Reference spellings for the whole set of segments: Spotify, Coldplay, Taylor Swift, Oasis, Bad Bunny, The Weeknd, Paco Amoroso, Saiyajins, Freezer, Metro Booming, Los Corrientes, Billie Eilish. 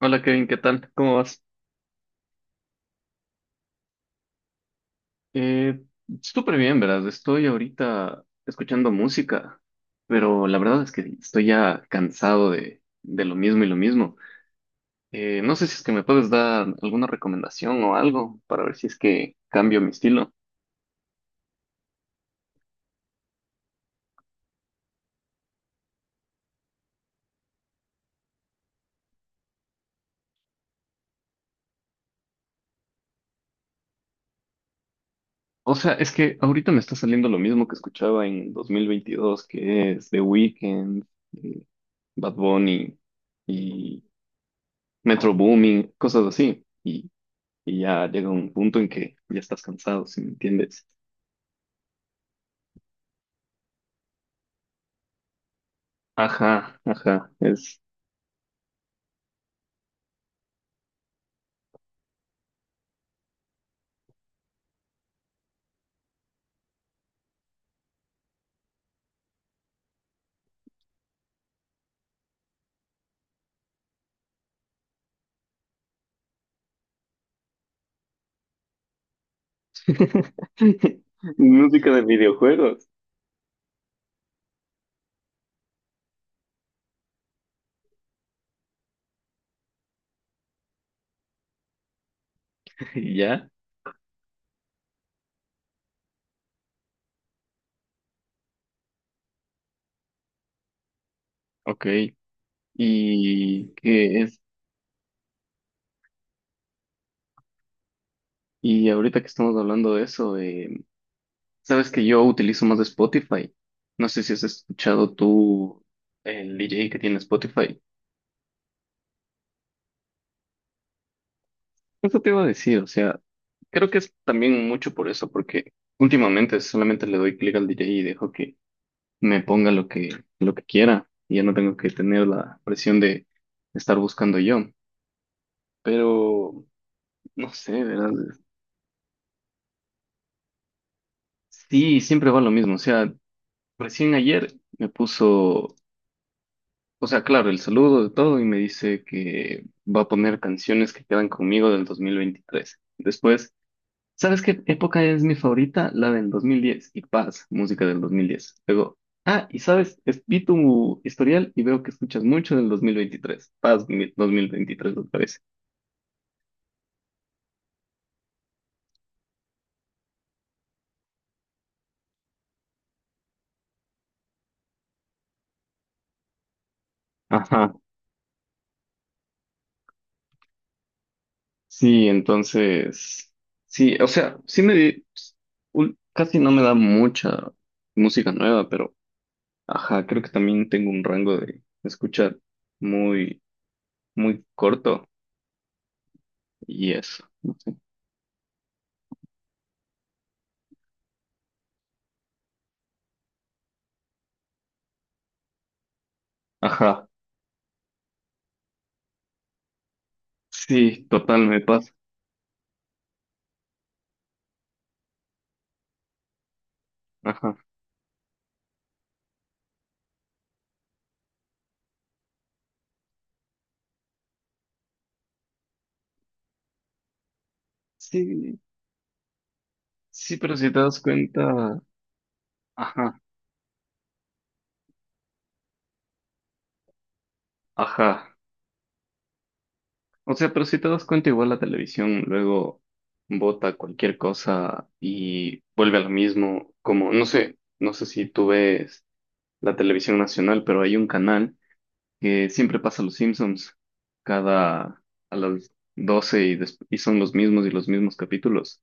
Hola Kevin, ¿qué tal? ¿Cómo vas? Eh, Súper bien, verás. Estoy ahorita escuchando música, pero la verdad es que estoy ya cansado de lo mismo y lo mismo. No sé si es que me puedes dar alguna recomendación o algo para ver si es que cambio mi estilo. O sea, es que ahorita me está saliendo lo mismo que escuchaba en 2022, que es The Weeknd, eh, Bad Bunny y Metro Booming, cosas así. Y ya llega un punto en que ya estás cansado, ¿si me entiendes? Ajá, ajá, es. Música de videojuegos. Y ya, ok. ¿Y que es? Y ahorita que estamos hablando de eso, sabes que yo utilizo más Spotify. No sé si has escuchado tú el DJ que tiene Spotify. Eso te iba a decir, o sea, creo que es también mucho por eso, porque últimamente solamente le doy clic al DJ y dejo que me ponga lo que quiera y ya no tengo que tener la presión de estar buscando yo. Pero no sé, ¿verdad? Sí, siempre va lo mismo. O sea, recién ayer me puso, o sea, claro, el saludo de todo y me dice que va a poner canciones que quedan conmigo del 2023. Después, ¿sabes qué época es mi favorita? La del 2010 y paz, música del 2010. Luego, ah, y sabes, vi tu historial y veo que escuchas mucho del 2023. Paz, 2023, me parece. Ajá, sí, entonces, sí, o sea, casi no me da mucha música nueva, pero ajá, creo que también tengo un rango de escuchar muy, muy corto y eso, no sé. Ajá, sí, total, me pasa. Ajá. Sí, sí, pero si te das cuenta, ajá, ajá. O sea, pero si te das cuenta, igual la televisión luego bota cualquier cosa y vuelve a lo mismo, como, no sé, no sé si tú ves la televisión nacional, pero hay un canal que siempre pasa los Simpsons cada, a las 12 y son los mismos y los mismos capítulos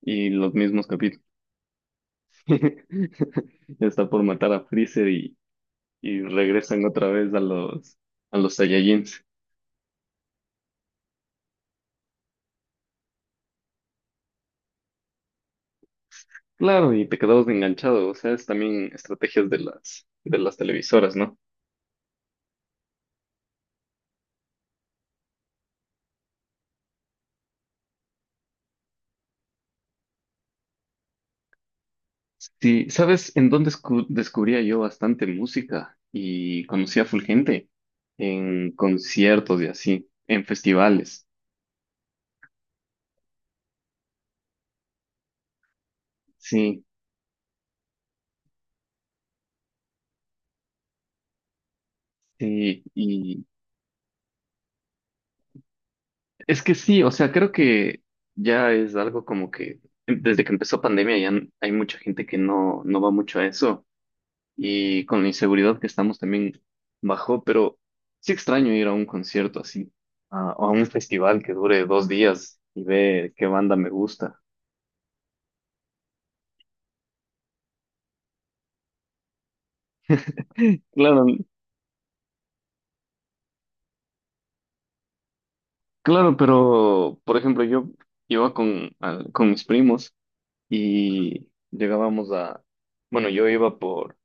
y los mismos capítulos. Ya está por matar a Freezer y regresan otra vez a los Saiyajins. Claro, y te quedabas enganchado, o sea, es también estrategias de las televisoras, ¿no? Sí, ¿sabes en dónde descubría yo bastante música y conocía a full gente? En conciertos y así, en festivales, sí, sí. Es que sí, o sea, creo que ya es algo como que desde que empezó pandemia hay mucha gente que no va mucho a eso. Y con la inseguridad que estamos también bajó, pero sí extraño ir a un concierto así, o a un festival que dure 2 días y ver qué banda me gusta. Claro, claro, pero por ejemplo yo iba con mis primos y llegábamos a, bueno, yo iba por,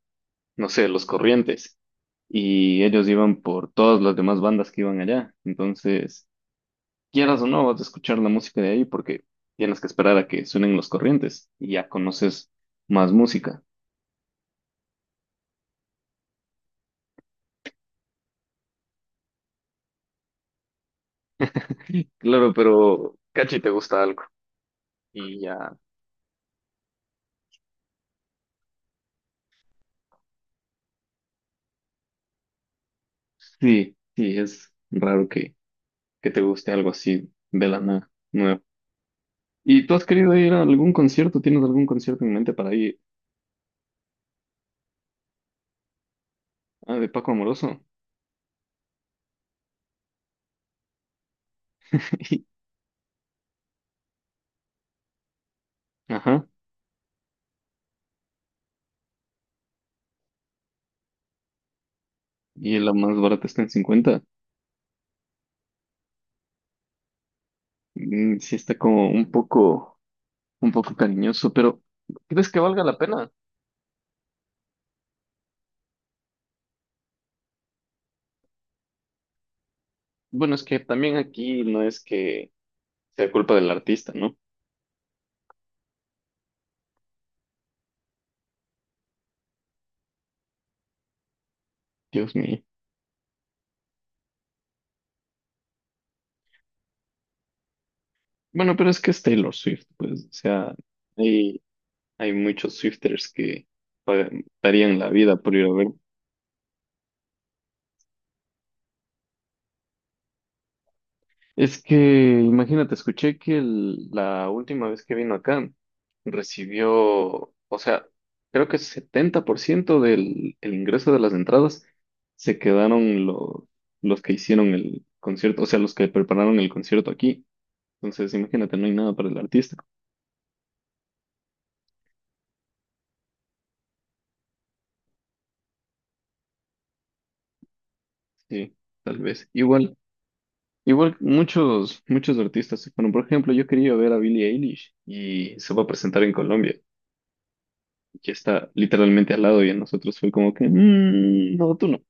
no sé, Los Corrientes y ellos iban por todas las demás bandas que iban allá, entonces, quieras o no, vas a escuchar la música de ahí porque tienes que esperar a que suenen los corrientes y ya conoces más música. Claro, pero cachi te gusta algo y ya. Sí, sí, es raro que te guste algo así de la nada, nuevo. ¿Y tú has querido ir a algún concierto? ¿Tienes algún concierto en mente para ir? Ah, de Paco Amoroso. Ajá. Y la más barata está en 50. Mm, sí está como un un poco cariñoso, pero ¿crees que valga la pena? Bueno, es que también aquí no es que sea culpa del artista, ¿no? Dios mío. Bueno, pero es que es Taylor Swift, pues, o sea, hay, hay muchos Swifters que darían la vida por ir a ver. Es que, imagínate, escuché que la última vez que vino acá recibió, o sea, creo que 70% del el ingreso de las entradas se quedaron los que hicieron el concierto, o sea, los que prepararon el concierto aquí. Entonces, imagínate, no hay nada para el artista. Sí, tal vez. Igual, igual muchos artistas se fueron. Por ejemplo, yo quería ver a Billie Eilish y se va a presentar en Colombia, que está literalmente al lado y a nosotros fue como que, "Mm, no, tú no".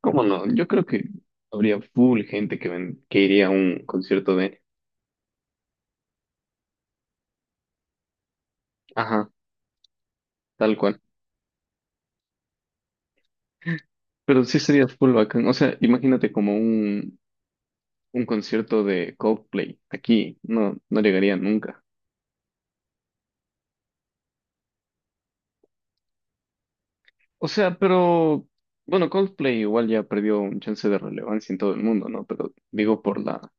¿Cómo no? Yo creo que habría full gente que iría a un concierto de, ajá, tal cual. Pero sí sería full bacán. O sea, imagínate como un concierto de Coldplay aquí. No, no llegaría nunca. O sea, pero bueno, Coldplay igual ya perdió un chance de relevancia en todo el mundo, ¿no? Pero digo por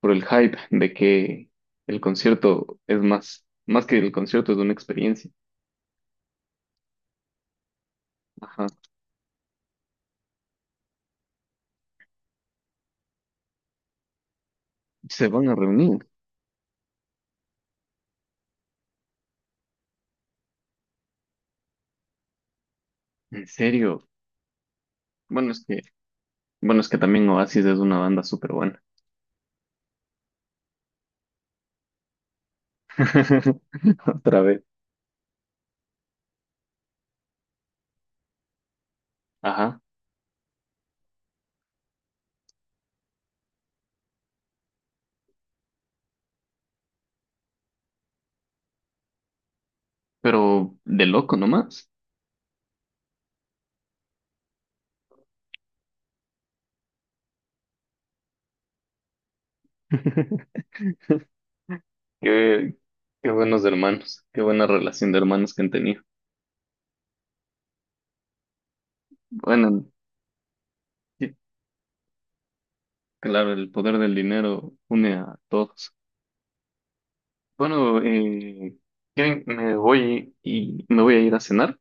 por el hype de que el concierto es más que el concierto es una experiencia. Ajá. Se van a reunir. ¿En serio? Bueno, es que, bueno, es que también Oasis es una banda súper buena. Otra vez. Ajá. Pero de loco nomás. Qué, qué buenos hermanos, qué buena relación de hermanos que han tenido. Bueno, sí, claro, el poder del dinero une a todos. Bueno, ¿quieren? Me voy y me voy a ir a cenar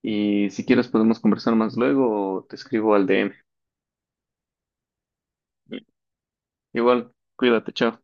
y si quieres podemos conversar más luego o te escribo al DM. Igual, cuídate, chao.